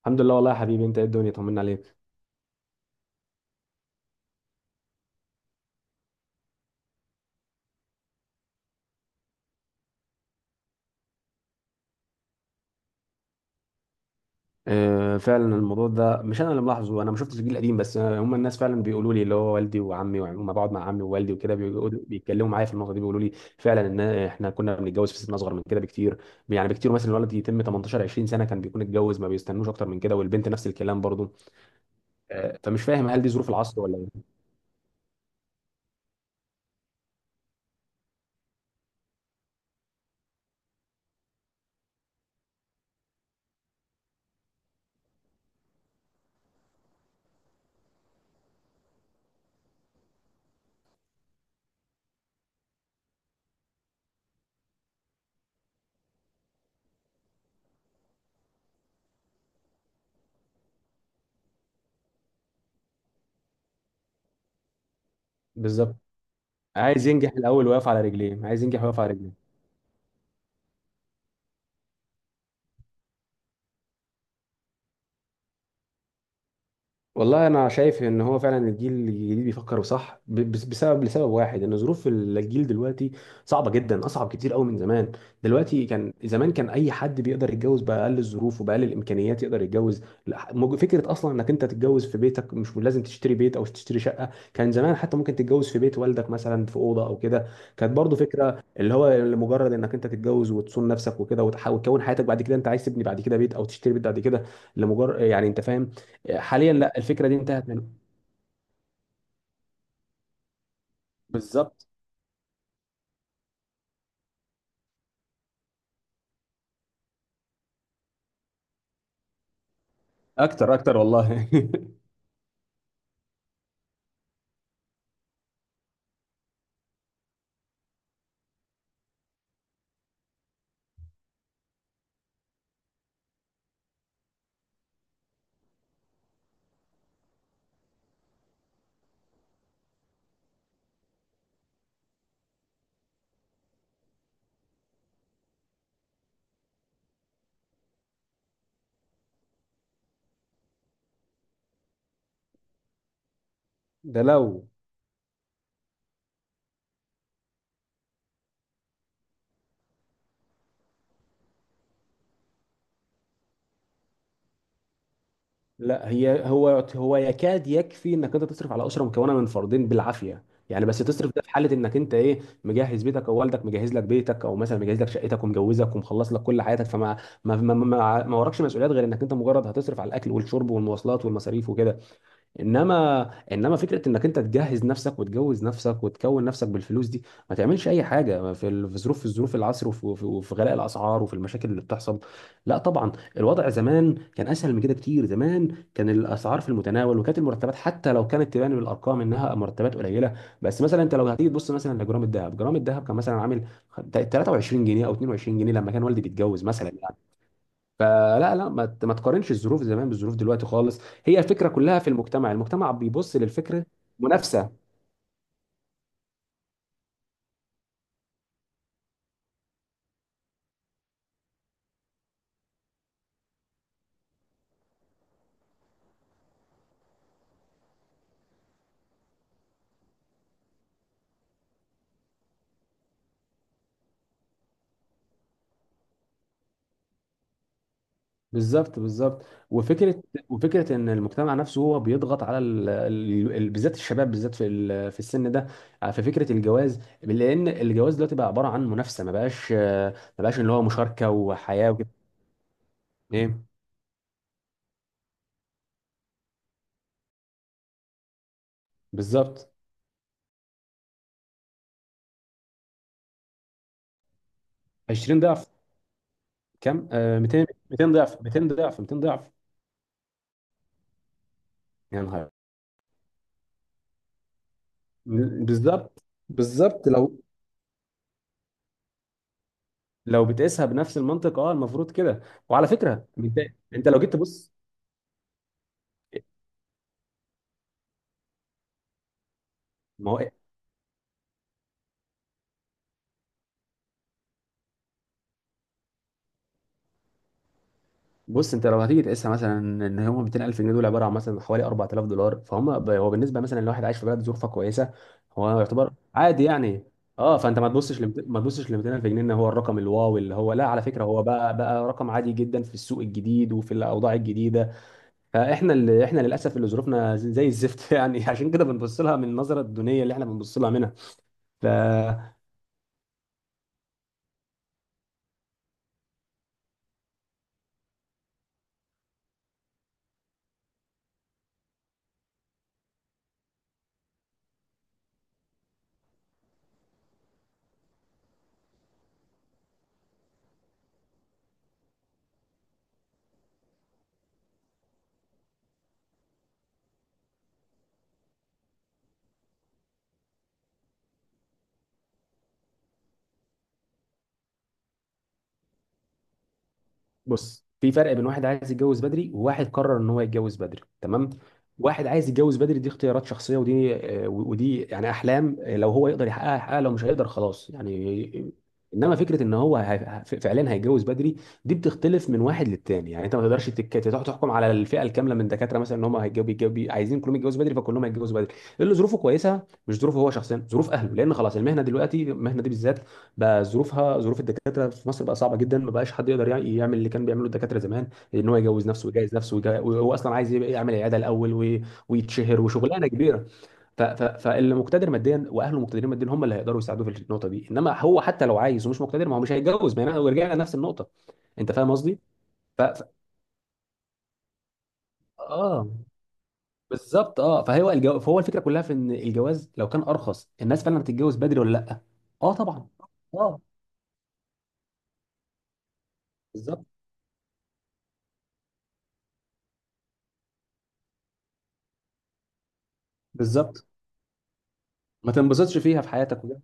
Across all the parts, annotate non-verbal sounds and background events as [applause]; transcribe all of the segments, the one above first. الحمد لله والله يا حبيبي، انت ايه، الدنيا طمنا عليك. آه، فعلا الموضوع ده مش انا اللي ملاحظه. انا ما شفتش الجيل القديم، بس هم الناس فعلا بيقولوا لي، اللي هو والدي وعمي، ولما بقعد مع عمي ووالدي وكده بيتكلموا معايا في النقطه دي، بيقولوا لي فعلا ان احنا كنا بنتجوز في سن اصغر من كده بكتير. يعني بكتير، مثلا الولد يتم 18 20 سنه كان بيكون اتجوز، ما بيستنوش اكتر من كده، والبنت نفس الكلام برضه. آه، فمش فاهم، هل دي ظروف العصر ولا ايه؟ بالظبط، عايز ينجح الاول ويقف على رجليه، عايز ينجح ويقف على رجليه. والله انا شايف ان هو فعلا الجيل الجديد بيفكر صح، بسبب لسبب واحد، ان ظروف الجيل دلوقتي صعبه جدا، اصعب كتير قوي من زمان. دلوقتي كان، زمان كان اي حد بيقدر يتجوز باقل الظروف وباقل الامكانيات يقدر يتجوز. لا، فكره اصلا انك انت تتجوز في بيتك، مش لازم تشتري بيت او تشتري شقه. كان زمان حتى ممكن تتجوز في بيت والدك مثلا، في اوضه او كده. كانت برضو فكره اللي هو لمجرد انك انت تتجوز وتصون نفسك وكده، وتكون حياتك بعد كده انت عايز تبني بعد كده بيت، او تشتري بيت بعد كده، لمجرد، يعني انت فاهم. حاليا لا، الفكره دي انتهت منه. بالظبط. اكتر اكتر والله. [laughs] ده لو. لا، هي هو، هو يكاد يكفي انك انت تصرف على اسره مكونه من فردين بالعافيه. يعني بس تصرف، ده في حاله انك انت ايه، مجهز بيتك او والدك مجهز لك بيتك، او مثلا مجهز لك شقتك ومجوزك ومخلص لك كل حياتك، فما ما وراكش مسؤوليات غير انك انت مجرد هتصرف على الاكل والشرب والمواصلات والمصاريف وكده. انما فكره انك انت تجهز نفسك وتجوز نفسك وتكون نفسك بالفلوس دي، ما تعملش اي حاجه في ظروف، في ظروف العصر، وفي غلاء الاسعار وفي المشاكل اللي بتحصل. لا طبعا، الوضع زمان كان اسهل من كده كتير. زمان كان الاسعار في المتناول، وكانت المرتبات حتى لو كانت تبان بالارقام انها مرتبات قليله. بس مثلا انت لو هتيجي تبص مثلا لجرام الذهب، جرام الذهب كان مثلا عامل 23 جنيه او 22 جنيه لما كان والدي بيتجوز مثلا. فلا لا، ما تقارنش الظروف زمان بالظروف دلوقتي خالص. هي الفكره كلها في المجتمع، المجتمع بيبص للفكره. منافسه. بالظبط بالظبط، وفكره، وفكره ان المجتمع نفسه هو بيضغط على بالذات الشباب، بالذات في في السن ده، آه، في فكره الجواز، لان الجواز دلوقتي بقى عباره عن منافسه، ما بقاش اللي هو مشاركه وحياه وكده. ايه. بالظبط. 20 ضعف. كم؟ آه، 200، 200 ضعف، 200 ضعف، 200 ضعف. يا نهار. بالظبط بالظبط، لو، بتقيسها بنفس المنطق، اه المفروض كده. وعلى فكره انت، انت لو جيت تبص، ما هو إيه، بص، انت لو هتيجي تقيسها مثلا، ان هم 200000 جنيه دول عباره عن مثلا حوالي 4000 دولار، هو بالنسبه مثلا لواحد عايش في بلد ظروفها كويسه، هو يعتبر عادي يعني. اه، فانت ما تبصش ل 200000 جنيه ان هو الرقم الواو اللي هو، لا، على فكره هو بقى، رقم عادي جدا في السوق الجديد وفي الاوضاع الجديده. فاحنا اللي احنا للاسف، اللي ظروفنا زي الزفت [laughs] يعني، عشان كده بنبص لها من النظره الدونيه اللي احنا بنبص لها منها. ف. بص، في فرق بين واحد عايز يتجوز بدري، وواحد قرر ان هو يتجوز بدري، تمام؟ واحد عايز يتجوز بدري دي اختيارات شخصيه، ودي آه، ودي يعني احلام، آه، لو هو يقدر يحققها يحققها، لو مش هيقدر خلاص يعني. انما فكره ان هو فعلا هيتجوز بدري، دي بتختلف من واحد للتاني. يعني انت ما تقدرش تروح تحكم على الفئه الكامله من الدكاتره مثلا، ان هم عايزين كلهم يتجوزوا بدري فكلهم هيتجوزوا بدري. اللي ظروفه كويسه، مش ظروفه هو شخصيا، ظروف اهله. لان خلاص المهنه دلوقتي، المهنه دي بالذات بقى ظروفها، ظروف الدكاتره في مصر بقى صعبه جدا. ما بقاش حد يقدر يعمل اللي كان بيعمله الدكاتره زمان، ان هو يجوز نفسه ويجهز نفسه، وهو اصلا عايز يبقى يعمل عياده الاول ويتشهر وشغلانه كبيره. فاللي مقتدر ماديا واهله مقتدرين ماديا هم اللي هيقدروا يساعدوه في النقطه دي، انما هو حتى لو عايز ومش مقتدر ما هو مش هيتجوز، ما هنا ورجعنا لنفس النقطه. انت فاهم قصدي؟ ف... ف... اه، بالظبط اه، فهو فهو الفكره كلها في ان الجواز لو كان ارخص الناس فعلا بتتجوز بدري ولا لا. اه طبعا. اه بالظبط بالظبط، ما تنبسطش فيها في حياتك وده.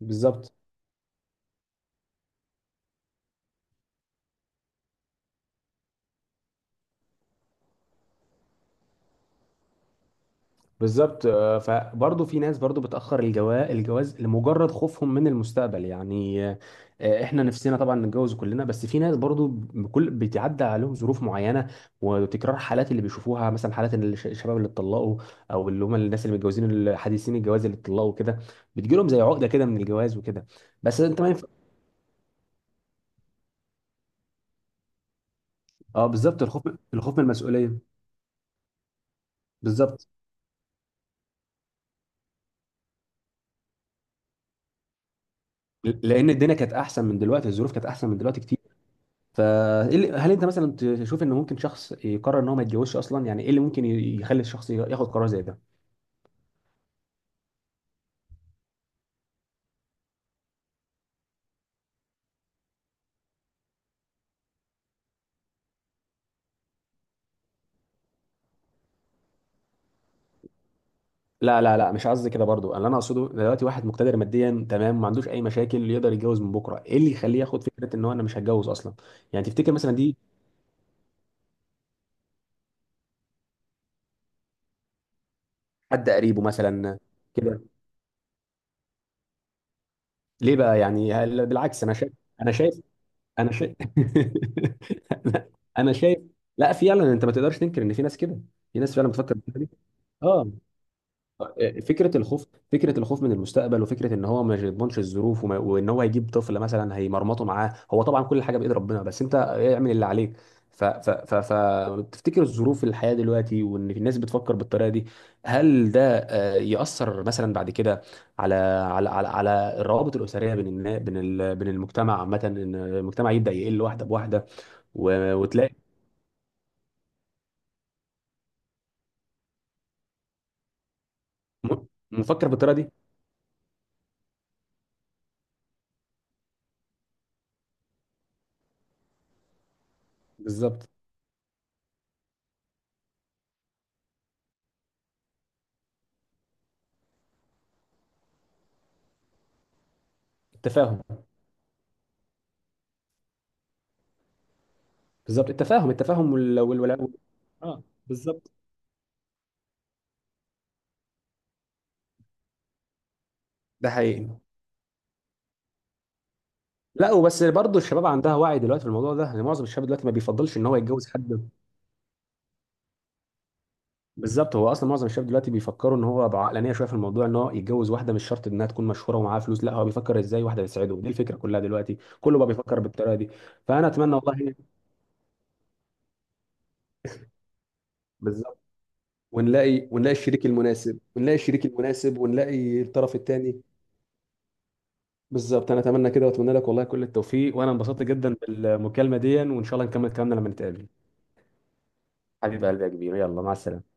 بالظبط بالظبط، آه، فبرضه في ناس برضه بتأخر الجواز لمجرد خوفهم من المستقبل يعني، آه، احنا نفسنا طبعا نتجوز كلنا، بس في ناس برضه بكل بتعدى عليهم ظروف معينة، وتكرار حالات اللي بيشوفوها، مثلا حالات إن الشباب اللي اتطلقوا، او اللي هم الناس اللي متجوزين الحديثين الجواز اللي اتطلقوا كده، بتجيلهم زي عقدة كده من الجواز وكده. بس انت ما ينفع. اه بالظبط، الخوف، من المسؤولية. بالظبط، لان الدنيا كانت احسن من دلوقتي، الظروف كانت احسن من دلوقتي كتير. فهل انت مثلا تشوف ان ممكن شخص يقرر ان هو ما يتجوزش اصلا؟ يعني ايه اللي ممكن يخلي الشخص ياخد قرار زي ده؟ لا لا لا، مش قصدي كده برضو. اللي انا اقصده دلوقتي، واحد مقتدر ماديا تمام، ما عندوش اي مشاكل، يقدر يتجوز من بكره، ايه اللي يخليه ياخد فكره ان هو انا مش هتجوز اصلا؟ يعني تفتكر مثلا دي، حد قريبه مثلا كده؟ ليه بقى يعني، بالعكس، انا شايف، انا شايف انا شايف [laughs] انا شايف لا فعلا انت ما تقدرش تنكر ان في ناس كده، في ناس فعلا بتفكر بالطريقة دي. اه. فكره الخوف، من المستقبل، وفكره ان هو ما يضمنش الظروف، وان هو هيجيب طفل مثلا هيمرمطه معاه، هو طبعا كل حاجه بايد ربنا، بس انت اعمل اللي عليك. ف ف ف ف تفتكر الظروف الحياه دلوقتي وان الناس بتفكر بالطريقه دي، هل ده آه، ياثر مثلا بعد كده على على الروابط الاسريه بين بين المجتمع عامه، ان المجتمع يبدا يقل واحده بواحده، وتلاقي م- مفكر بالطريقه دي. بالظبط، التفاهم. بالظبط، التفاهم، اه بالظبط. ده حقيقي. لا، وبس برضه الشباب عندها وعي دلوقتي في الموضوع ده، يعني معظم الشباب دلوقتي ما بيفضلش ان هو يتجوز حد. بالظبط، هو اصلا معظم الشباب دلوقتي بيفكروا ان هو بعقلانيه شويه في الموضوع، ان هو يتجوز واحده مش شرط انها تكون مشهوره ومعاها فلوس، لا هو بيفكر ازاي واحده بتساعده. دي الفكره كلها دلوقتي، كله بقى بيفكر بالطريقه دي. فانا اتمنى والله. بالظبط، ونلاقي الشريك المناسب، ونلاقي الطرف الثاني. بالظبط، انا اتمنى كده، واتمنى لك والله كل التوفيق، وانا انبسطت جدا بالمكالمه دي، وان شاء الله نكمل كلامنا لما نتقابل. حبيب قلبي يا كبير، يلا مع السلامه.